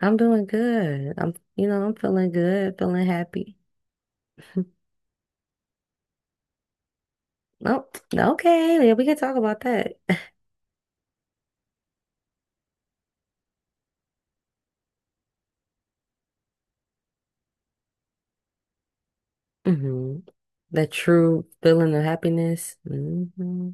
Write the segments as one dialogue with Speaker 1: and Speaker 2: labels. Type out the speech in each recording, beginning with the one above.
Speaker 1: I'm doing good. I'm feeling good, feeling happy. Oh, okay. Yeah, we can talk about that. Hmm. That true feeling of happiness. Hmm.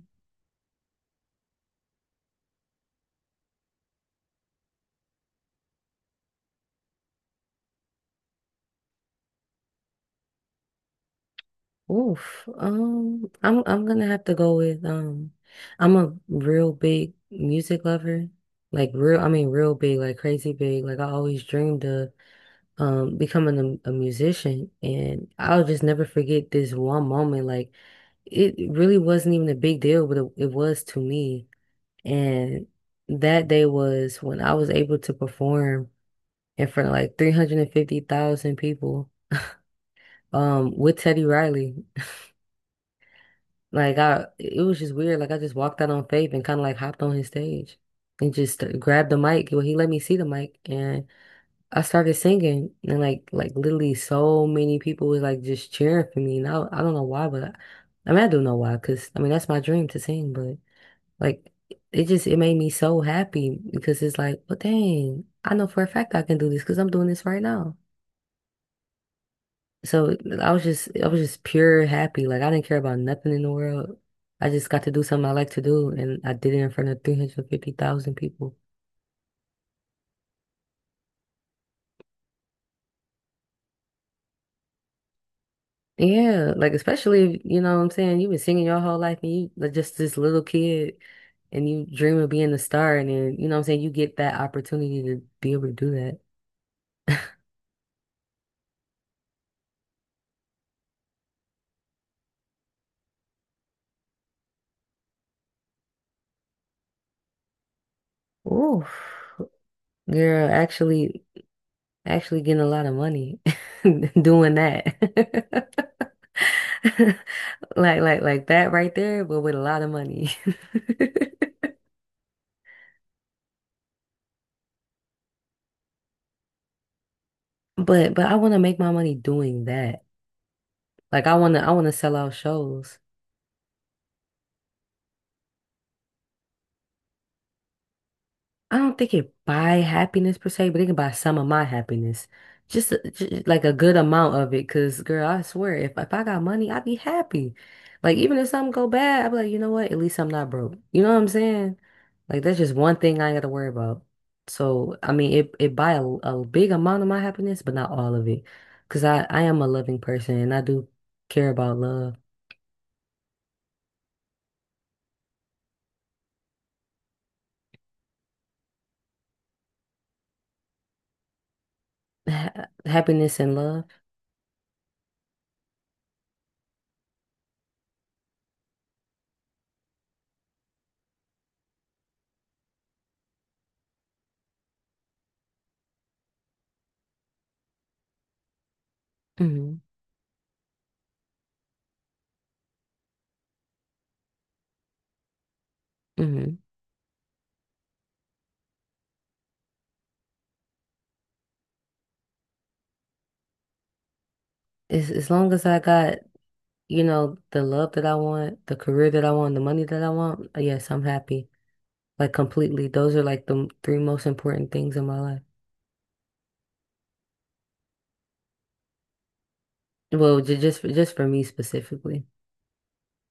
Speaker 1: Oof. I'm gonna have to go with. I'm a real big music lover. Like real, I mean real big, like crazy big. Like I always dreamed of becoming a musician, and I'll just never forget this one moment. Like it really wasn't even a big deal, but it was to me. And that day was when I was able to perform in front of like 350,000 people with Teddy Riley. Like I it was just weird. Like I just walked out on faith and kind of like hopped on his stage and just grabbed the mic, well, he let me see the mic, and I started singing. And like literally so many people was like just cheering for me. And I don't know why, but I mean I do know why, because I mean that's my dream to sing. But like it made me so happy, because it's like, well, dang, I know for a fact I can do this because I'm doing this right now. So I was just pure happy. Like I didn't care about nothing in the world. I just got to do something I like to do, and I did it in front of 350,000 people. Yeah, like especially if, you know what I'm saying, you've been singing your whole life and you like just this little kid, and you dream of being a star and then, you know what I'm saying, you get that opportunity to be able to do that. Ooh, girl, actually getting a lot of money doing that. Like that right there, but with a lot of money. But I want to make my money doing that. Like I want to sell out shows. I don't think it buy happiness per se, but it can buy some of my happiness. Just like a good amount of it. Cause girl, I swear, if I got money, I'd be happy. Like even if something go bad, I'd be like, you know what? At least I'm not broke. You know what I'm saying? Like that's just one thing I ain't gotta worry about. So I mean, it buy a big amount of my happiness, but not all of it. Cause I am a loving person, and I do care about love, ha happiness and love. Hmm. Hmm. As long as I got, you know, the love that I want, the career that I want, the money that I want, yes, I'm happy. Like completely. Those are like the three most important things in my life. Well, just for me specifically.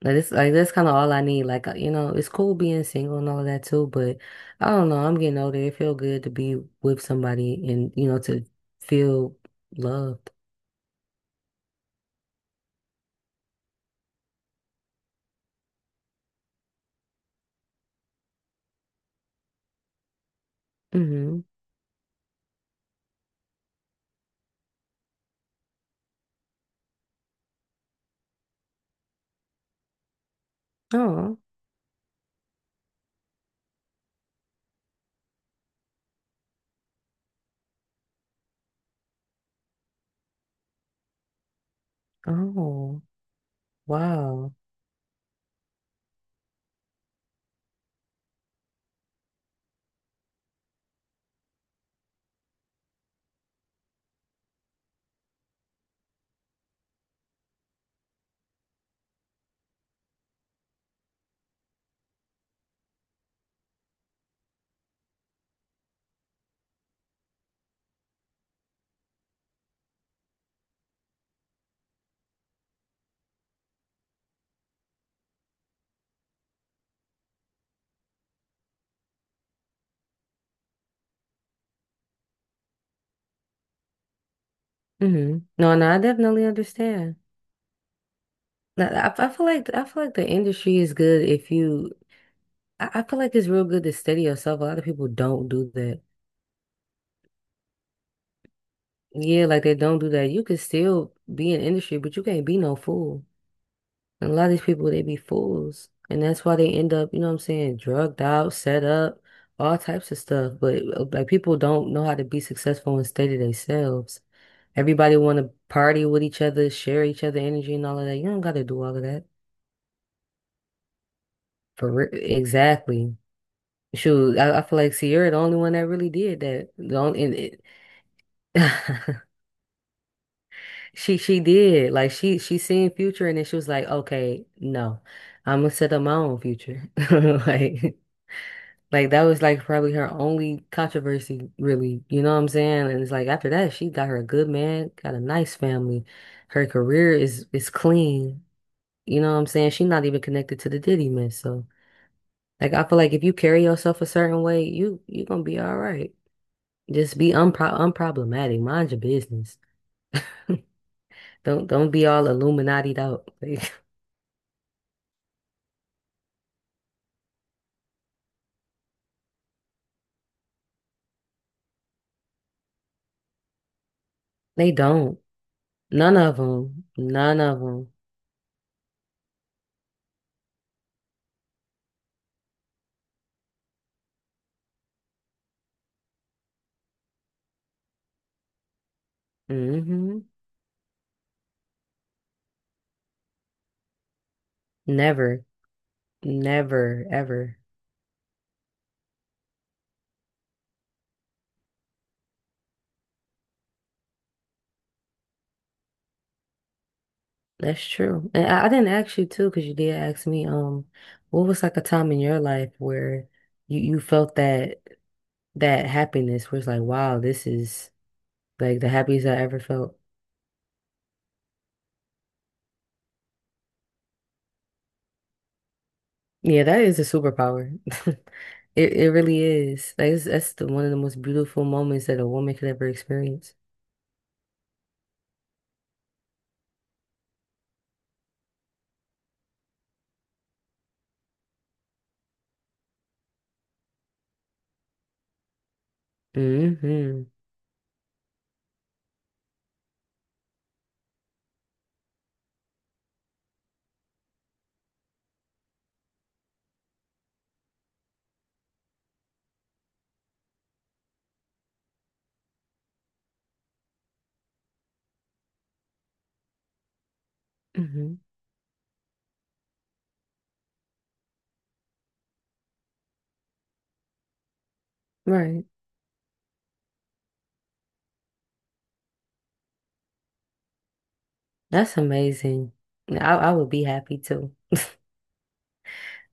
Speaker 1: Like this, like that's kind of all I need. Like it's cool being single and all of that too, but I don't know. I'm getting older. It feel good to be with somebody and to feel loved. Mm-hmm. Oh, oh, wow. Mm-hmm. No, no, I definitely understand. No, I feel like the industry is good if you. I feel like it's real good to steady yourself. A lot of people don't do that. Yeah, like they don't do that. You can still be in industry, but you can't be no fool. And a lot of these people, they be fools, and that's why they end up, you know what I'm saying, drugged out, set up, all types of stuff. But like people don't know how to be successful and steady themselves. Everybody want to party with each other, share each other energy and all of that. You don't got to do all of that for real. Exactly. Shoot, I feel like Sierra the only one that really did that. The only and it, she did like she seen Future, and then she was like, okay, no, I'm gonna set up my own future. Like like that was like probably her only controversy, really. You know what I'm saying? And it's like after that, she got her a good man, got a nice family. Her career is clean. You know what I'm saying? She's not even connected to the Diddy mess. So like I feel like if you carry yourself a certain way, you gonna be all right. Just be unproblematic. Mind your business. Don't be all Illuminati'd out. They don't. None of them. None of them. Hmm. Never. Never. Ever. That's true. And I didn't ask you too, because you did ask me, what was like a time in your life where you felt that that happiness was like, wow, this is like the happiest I ever felt. Yeah, that is a superpower. It really is. Like that's the one of the most beautiful moments that a woman could ever experience. Hmm. Hmm. Right. That's amazing. I would be happy too.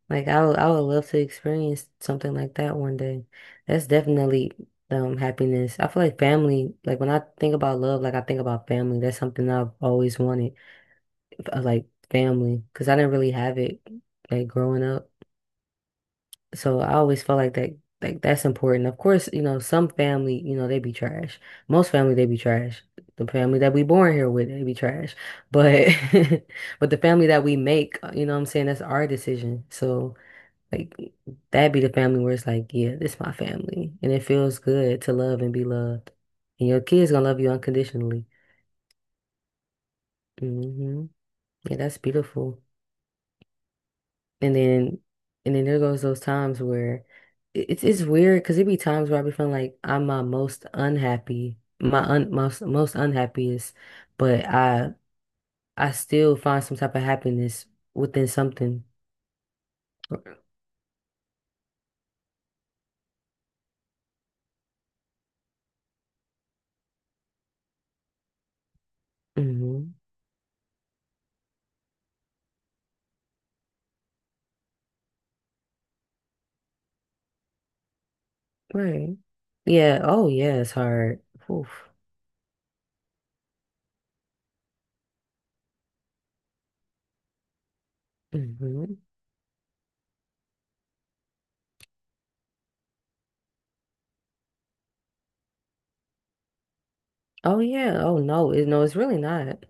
Speaker 1: Like I would love to experience something like that one day. That's definitely happiness. I feel like family, like when I think about love, like I think about family. That's something I've always wanted. Like family, because I didn't really have it like growing up. So I always felt like that, like that's important. Of course, you know, some family, you know, they be trash. Most family, they be trash. The family that we born here with, they be trash. But, but the family that we make, you know what I'm saying, that's our decision. So like that be the family where it's like, yeah, this my family. And it feels good to love and be loved. And your kids gonna love you unconditionally. Hmm. Yeah, that's beautiful. And then and then there goes those times where it's weird, because it be times where I be feeling like I'm my most unhappy, my un most most unhappiest, but I still find some type of happiness within something. Hmm. Right. Yeah. Oh yeah, it's hard. Oof. Hmm. Oh yeah. Oh no. It, no, it's really not.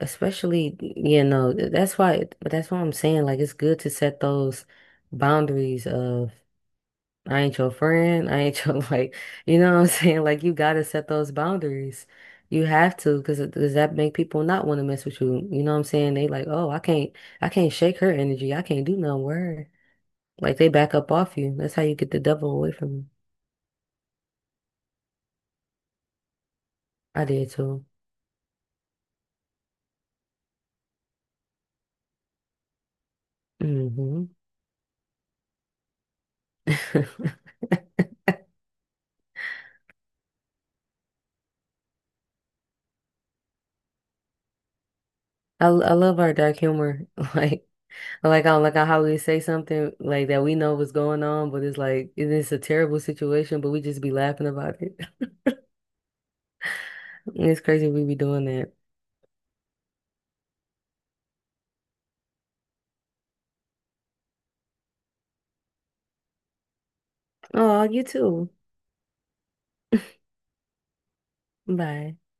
Speaker 1: Especially, yeah, no, that's why, but that's why I'm saying like it's good to set those boundaries of I ain't your friend. I ain't your like, you know what I'm saying? Like you gotta set those boundaries. You have to, because does that make people not want to mess with you? You know what I'm saying? They like, oh, I can't shake her energy. I can't do no word. Like they back up off you. That's how you get the devil away from you. I did too. Hmm. I love our dark humor. Like I like how we say something like that we know what's going on, but it's like it is a terrible situation, but we just be laughing about it. It's crazy we be doing that. Oh, you too. Bye.